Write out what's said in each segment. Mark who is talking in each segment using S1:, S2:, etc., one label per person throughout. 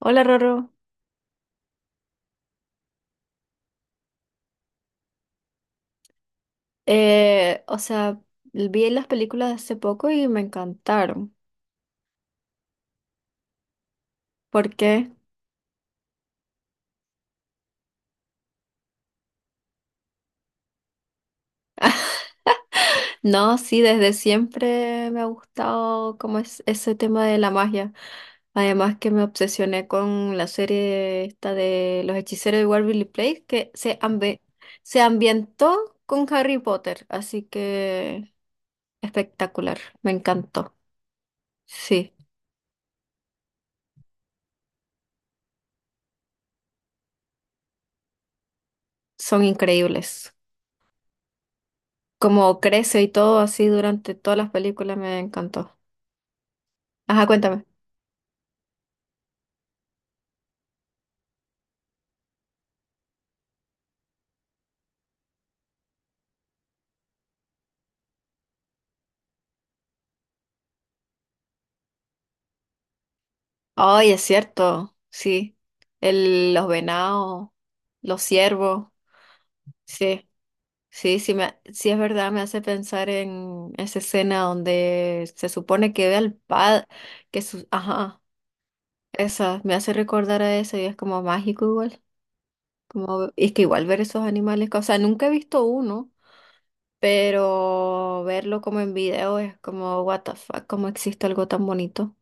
S1: Hola, Roro. O sea, vi las películas de hace poco y me encantaron. ¿Por qué? No, sí, desde siempre me ha gustado como es ese tema de la magia. Además que me obsesioné con la serie esta de Los Hechiceros de Waverly Place se ambientó con Harry Potter, así que espectacular, me encantó. Sí, son increíbles. Como crece y todo así durante todas las películas me encantó. Ajá, cuéntame. Ay, es cierto, sí. El, los venados, los ciervos, sí. Sí, sí, sí es verdad, me hace pensar en esa escena donde se supone que ve al padre, ajá, esa, me hace recordar a eso y es como mágico igual. Como, y es que igual ver esos animales, o sea, nunca he visto uno, pero verlo como en video es como, what the fuck, cómo existe algo tan bonito.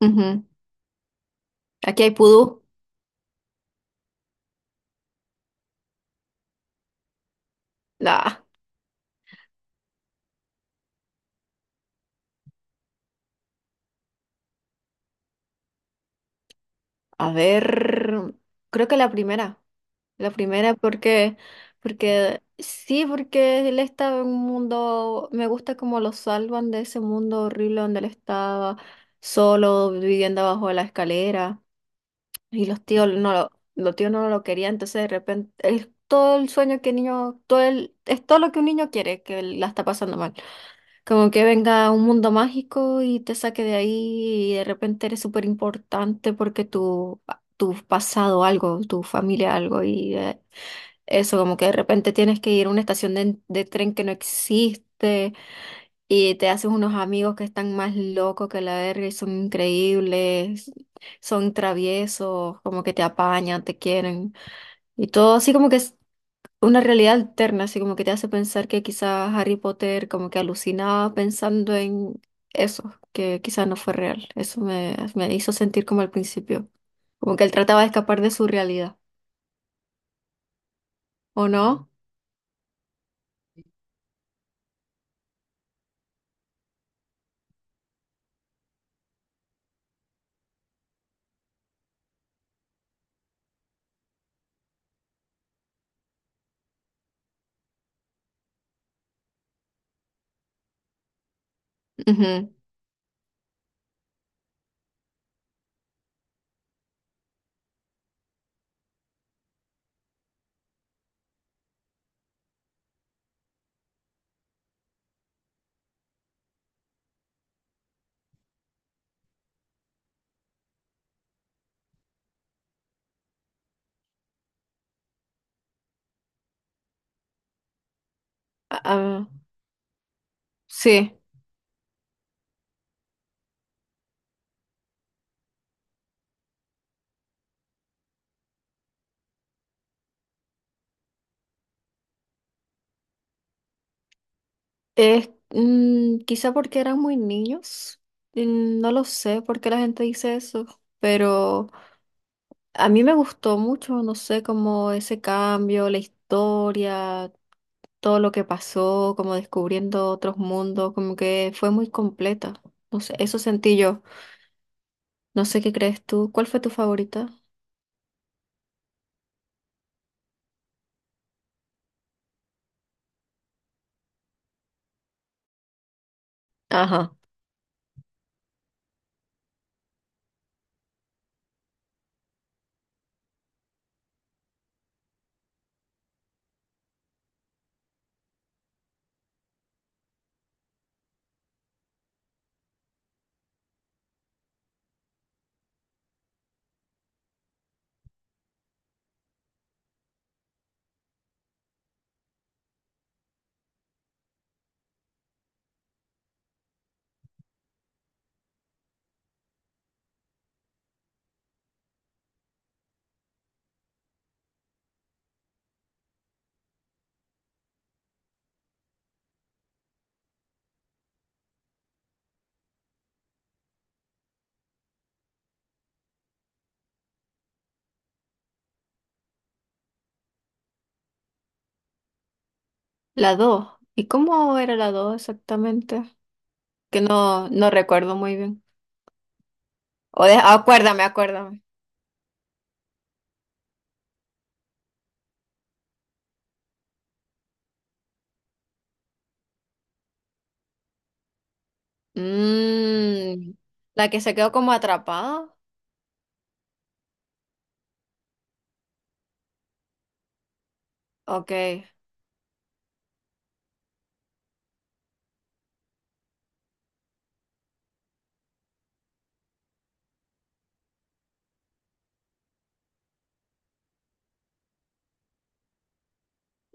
S1: Ujú. Aquí hay pudú. No. A ver, creo que la primera porque, porque sí, porque él estaba en un mundo, me gusta como lo salvan de ese mundo horrible donde él estaba solo viviendo abajo de la escalera y los tíos no lo querían, entonces de repente es todo el sueño que el niño, todo el, es todo lo que un niño quiere, que la está pasando mal. Como que venga un mundo mágico y te saque de ahí y de repente eres súper importante porque tu pasado algo, tu familia algo y eso como que de repente tienes que ir a una estación de tren que no existe y te haces unos amigos que están más locos que la verga y son increíbles, son traviesos, como que te apañan, te quieren y todo así como que una realidad alterna, así como que te hace pensar que quizás Harry Potter como que alucinaba pensando en eso, que quizás no fue real. Me hizo sentir como al principio, como que él trataba de escapar de su realidad, ¿o no? Ujú. Ah, sí, quizá porque eran muy niños, no lo sé por qué la gente dice eso, pero a mí me gustó mucho, no sé, como ese cambio, la historia todo lo que pasó, como descubriendo otros mundos, como que fue muy completa. No sé, eso sentí yo. No sé qué crees tú. ¿Cuál fue tu favorita? Ajá, la dos. ¿Y cómo era la 2 exactamente? Que no, no recuerdo muy bien. Acuérdame, acuérdame. Mm, la que se quedó como atrapada. Ok.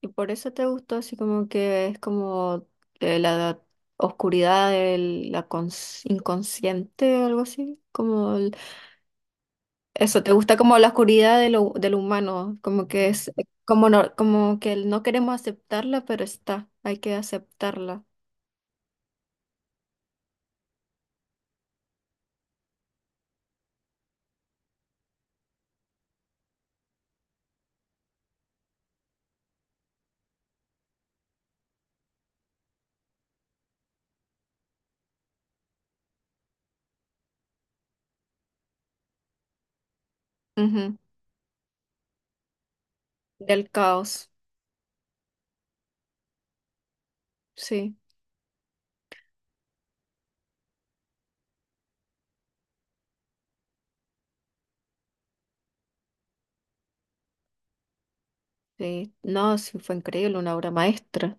S1: Y por eso te gustó, así como que es como la oscuridad de inconsciente o algo así, como eso. ¿Te gusta como la oscuridad de de lo humano? Como que es, como no, como que no queremos aceptarla, pero está, hay que aceptarla. Ujú. Del caos, sí, sí. No, sí, fue increíble, una obra maestra.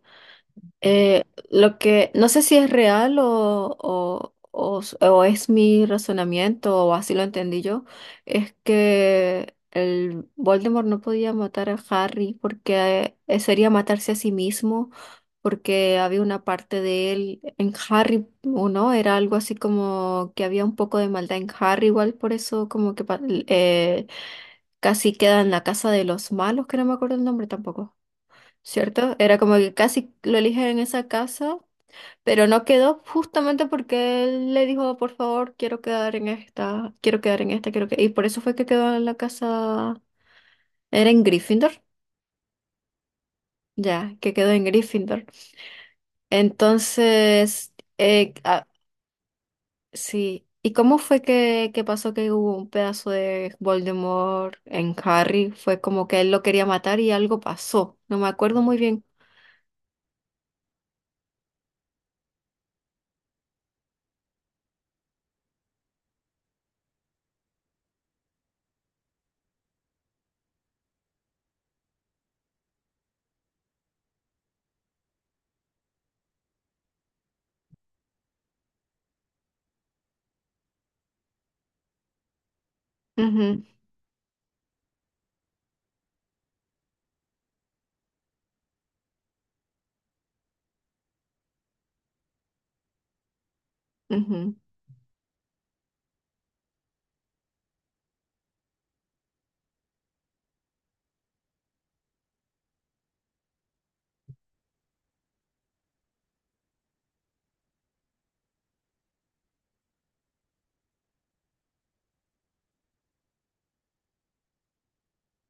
S1: Lo que no sé si es real o es mi razonamiento o así lo entendí yo, es que el Voldemort no podía matar a Harry porque sería matarse a sí mismo, porque había una parte de él en Harry, ¿o no? Era algo así como que había un poco de maldad en Harry, igual por eso como que eh, casi queda en la casa de los malos, que no me acuerdo el nombre tampoco. ¿Cierto? Era como que casi lo eligen en esa casa, pero no quedó justamente porque él le dijo, por favor, quiero quedar en esta, quiero que... Y por eso fue que quedó en la casa, era en Gryffindor, ya, que quedó en Gryffindor. Entonces, sí. ¿Y cómo fue que pasó que hubo un pedazo de Voldemort en Harry? Fue como que él lo quería matar y algo pasó. No me acuerdo muy bien. Ujú, ujú.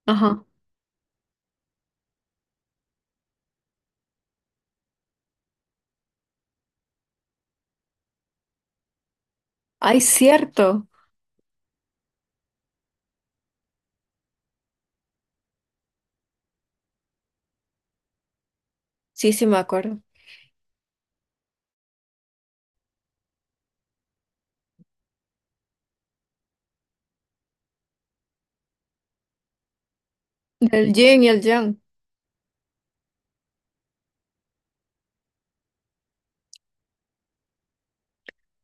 S1: Ajá. Ay, cierto. Sí, sí, me acuerdo. Del yin y el yang.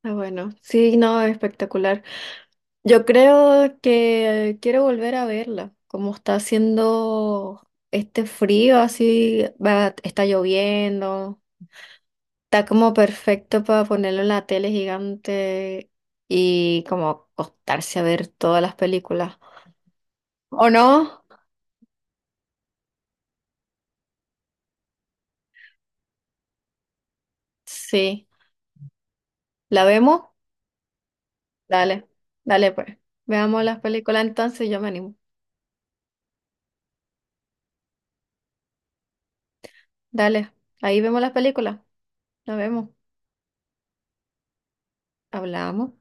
S1: Ah, bueno, sí, no, espectacular. Yo creo que quiero volver a verla. Como está haciendo este frío, así va, está lloviendo. Está como perfecto para ponerlo en la tele gigante y como acostarse a ver todas las películas. ¿O no? Sí. ¿La vemos? Dale, dale pues. Veamos las películas entonces, yo me animo. Dale, ahí vemos las películas. La vemos. Hablamos.